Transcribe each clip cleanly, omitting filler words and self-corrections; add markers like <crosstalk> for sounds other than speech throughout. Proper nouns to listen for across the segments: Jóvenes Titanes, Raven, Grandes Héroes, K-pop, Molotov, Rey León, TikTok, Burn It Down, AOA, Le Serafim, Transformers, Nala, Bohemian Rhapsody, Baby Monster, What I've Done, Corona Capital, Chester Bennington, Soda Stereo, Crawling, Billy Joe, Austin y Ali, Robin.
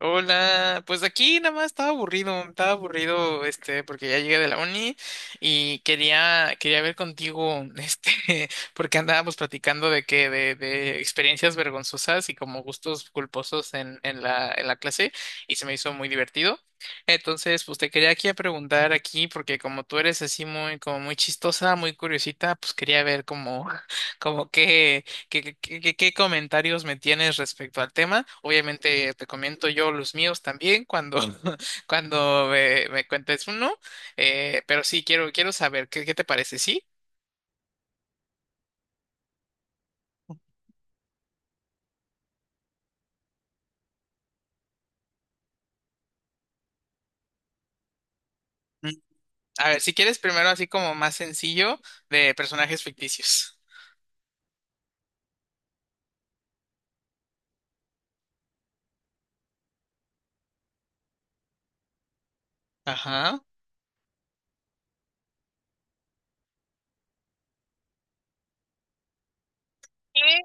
Hola, pues aquí nada más estaba aburrido, porque ya llegué de la uni y quería ver contigo, <laughs> porque andábamos platicando de experiencias vergonzosas y como gustos culposos en la clase y se me hizo muy divertido. Entonces, pues te quería aquí a preguntar aquí, porque como tú eres así muy, como muy chistosa, muy curiosita, pues quería ver como, <laughs> como ¿Qué comentarios me tienes respecto al tema? Obviamente te comento yo los míos también cuando, <laughs> cuando me cuentes uno, pero sí, quiero saber, qué te parece? ¿Sí? Mm, A ver, si quieres primero así como más sencillo de personajes ficticios. Ajá. ¿Qué?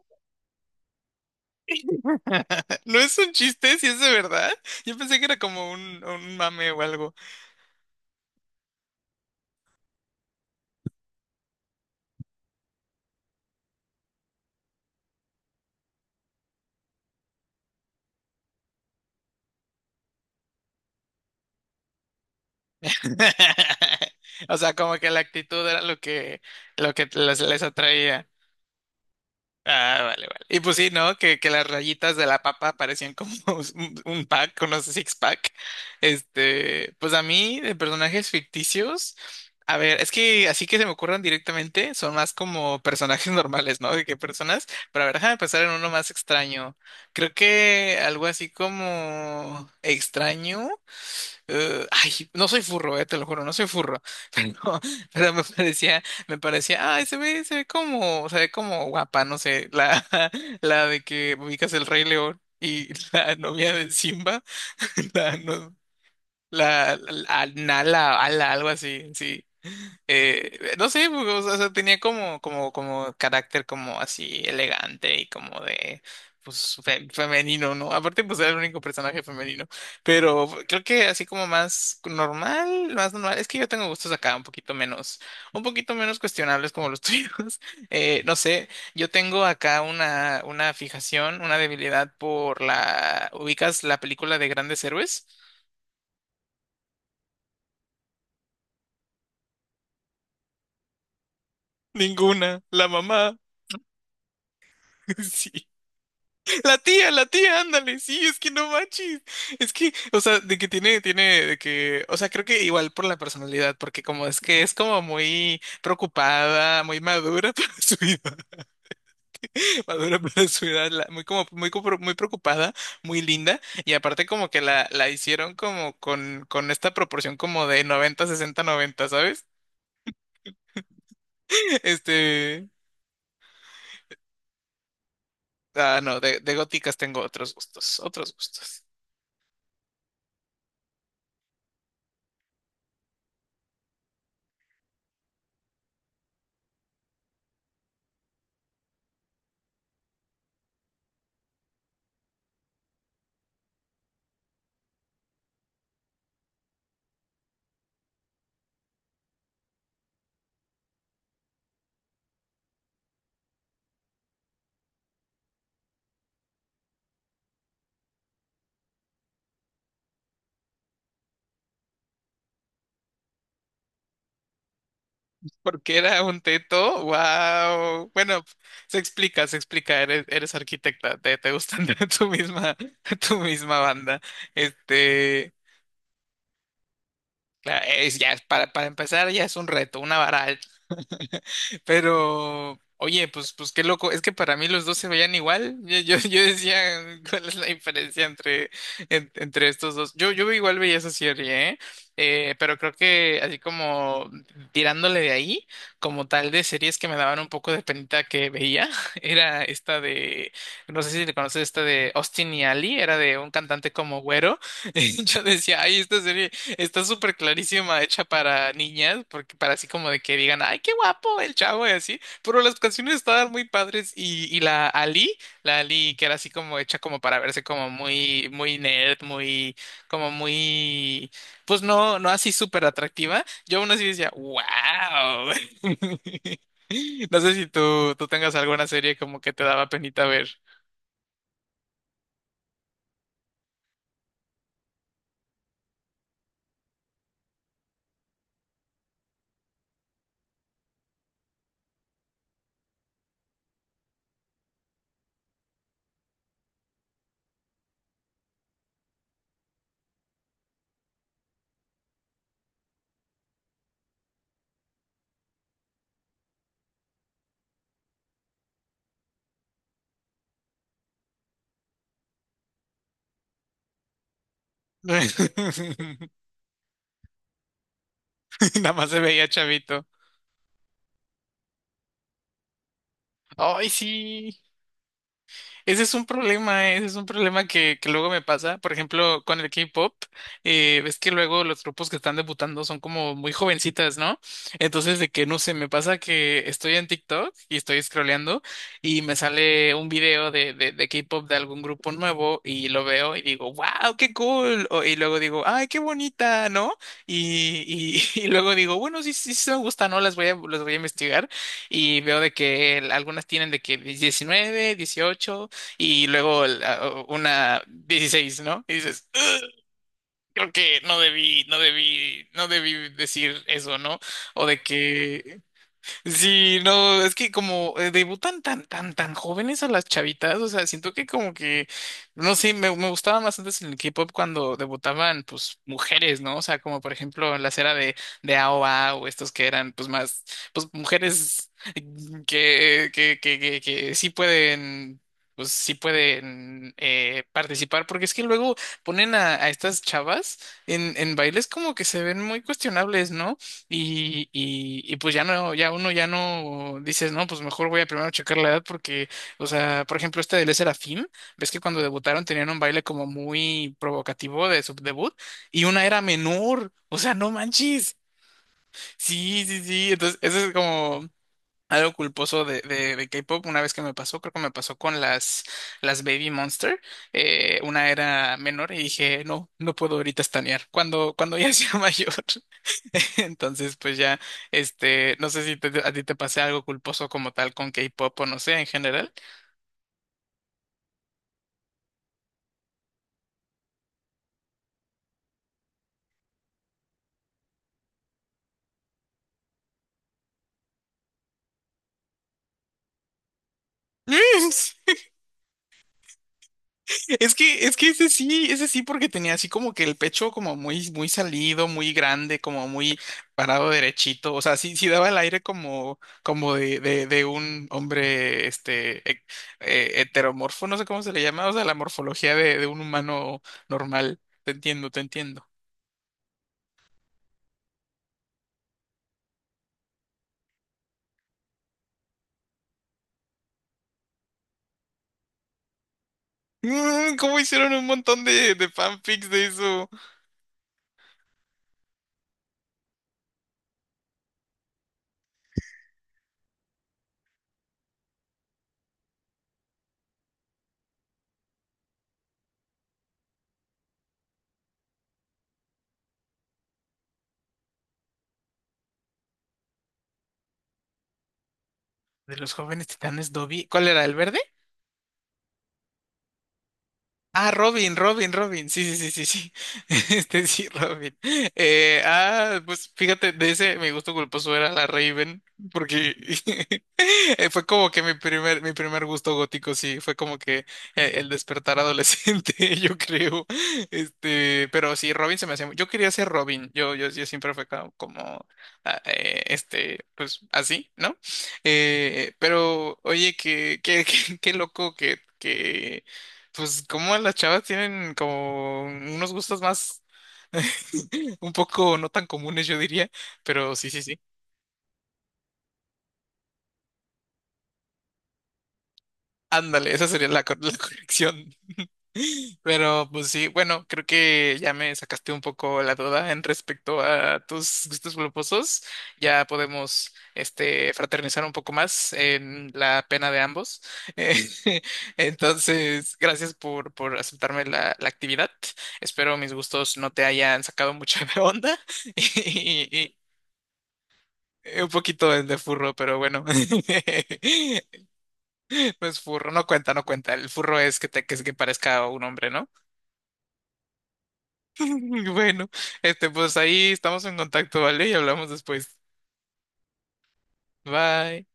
<laughs> No es un chiste, si es de verdad. Yo pensé que era como un mame o algo. <laughs> O sea, como que la actitud era lo que les atraía. Ah, vale, vale. Y pues sí, ¿no? Que las rayitas de la papa parecían como <laughs> un pack, unos six pack. Este, pues a mí, de personajes ficticios, a ver, es que así que se me ocurran directamente, son más como personajes <laughs> normales, ¿no? De que personas, pero a ver, déjame pensar en uno más extraño. Creo que algo así como extraño. Ay, no soy furro, te lo juro, no soy furro. <laughs> Pero, pero me parecía, ay, se ve como guapa, no sé, <laughs> la de que ubicas el Rey León y <laughs> la novia de Simba, <laughs> no, la, la- Nala, Ala, algo así, sí. No sé, pues, o sea, tenía como, carácter como así elegante y como de, pues, femenino, ¿no? Aparte, pues era el único personaje femenino. Pero creo que así como más normal, es que yo tengo gustos acá un poquito menos cuestionables como los <laughs> tuyos. No sé, yo tengo acá una fijación, una debilidad por ¿ubicas la película de Grandes Héroes? Ninguna, la mamá. <laughs> Sí. La tía, ándale, sí, es que no manches. Es que, o sea, de que tiene, o sea, creo que igual por la personalidad, porque como es que es como muy preocupada, muy madura <laughs> para su edad, madura para su edad, muy preocupada, muy linda, y aparte como que la hicieron como con esta proporción como de 90-60-90, ¿sabes? <laughs> Este, ah, no, de góticas tengo otros gustos, otros gustos. Porque era un teto, wow. Bueno, se explica, eres arquitecta, te gustan <laughs> tu misma, tu misma banda. Este, Claro, es, ya, para empezar ya es un reto, una varal. <laughs> Pero, oye, pues, qué loco, es que para mí los dos se veían igual. Yo decía, <laughs> ¿cuál es la diferencia entre estos dos? Yo igual veía esa serie, ¿eh? Pero creo que así como tirándole de ahí, como tal de series que me daban un poco de penita que veía, <laughs> era esta de, no sé si te conoces, esta de Austin y Ali, era de un cantante como güero. <laughs> Y yo decía, ay, esta serie. Está súper clarísima, hecha para niñas, porque para así como de que digan, ay, qué guapo el chavo y así, pero las canciones estaban muy padres y la Ali que era así como hecha como para verse como muy, muy nerd, como muy, pues no, no así súper atractiva, yo aún así decía, wow. <laughs> No sé si tú tengas alguna serie como que te daba penita ver. <laughs> Nada más se veía chavito. Ay, sí. Ese es un problema, ese es un problema que luego me pasa. Por ejemplo, con el K-pop, ves que luego los grupos que están debutando son como muy jovencitas, ¿no? Entonces, de que no sé, me pasa que estoy en TikTok y estoy scrolleando y me sale un video de K-pop de algún grupo nuevo y lo veo y digo, wow, qué cool. Y luego digo, ay, qué bonita, ¿no? <laughs> Y luego digo, bueno, sí, sí, sí me gusta, ¿no? Las voy a investigar y veo de que algunas tienen de que 19 18 y luego una 16, ¿no? Y dices, "Ugh, creo que no debí, no debí, no debí decir eso, ¿no? O de que Sí, no, es que como debutan tan, tan, tan jóvenes a las chavitas, o sea, siento que como que, no sé, me gustaba más antes en el K-pop cuando debutaban, pues, mujeres, ¿no? O sea, como por ejemplo en la era de AOA o A o estos que eran, pues, más, pues, mujeres que sí pueden... Pues sí pueden participar, porque es que luego ponen a estas chavas en bailes como que se ven muy cuestionables, ¿no? Y pues ya no, ya uno ya no dices, no, pues mejor voy a primero checar la edad porque, o sea, por ejemplo, este de Le Serafim, ves que cuando debutaron tenían un baile como muy provocativo de su debut y una era menor, o sea, no manches. Sí, sí, sí, entonces eso es como, algo culposo de K-pop, una vez que me pasó, creo que me pasó con las Baby Monster, una era menor y dije, no, no puedo ahorita estanear, cuando ya sea <laughs> mayor. <laughs> Entonces, pues ya, este, no sé si a ti te pasé algo culposo como tal con K-pop o no sé, en general. <laughs> Es que ese sí, porque tenía así como que el pecho como muy, muy salido, muy grande, como muy parado derechito. O sea, sí, sí daba el aire como de un hombre, este, heteromorfo, no sé cómo se le llama, o sea, la morfología de un humano normal. Te entiendo, te entiendo. ¿Cómo hicieron un montón de fanfics de eso? De los jóvenes titanes Dobby. ¿Cuál era? ¿El verde? Ah, Robin, Robin, Robin. Sí, sí, sí, sí, sí. <laughs> Este sí, Robin. Ah, pues fíjate, de ese mi gusto culposo era la Raven, porque <laughs> fue como que mi primer gusto gótico, sí, fue como que el despertar adolescente, <laughs> yo creo. Este, pero sí, Robin se me hacía. Yo quería ser Robin. Yo siempre fue como, este, pues así, ¿no? Pero oye, <laughs> qué loco que pues como las chavas tienen como unos gustos más <laughs> un poco no tan comunes, yo diría, pero sí, sí, sí. Ándale, esa sería la corrección. Pero pues sí, bueno, creo que ya me sacaste un poco la duda en respecto a tus gustos culposos. Ya podemos este fraternizar un poco más en la pena de ambos. Eh, <laughs> entonces, gracias por aceptarme la actividad. Espero mis gustos no te hayan sacado mucho de onda <laughs> y, y- y un poquito de furro, pero bueno. <laughs> No es furro, no cuenta, no cuenta. El furro es que que parezca un hombre, ¿no? <laughs> Bueno, este, pues ahí estamos en contacto, ¿vale? Y hablamos después. Bye.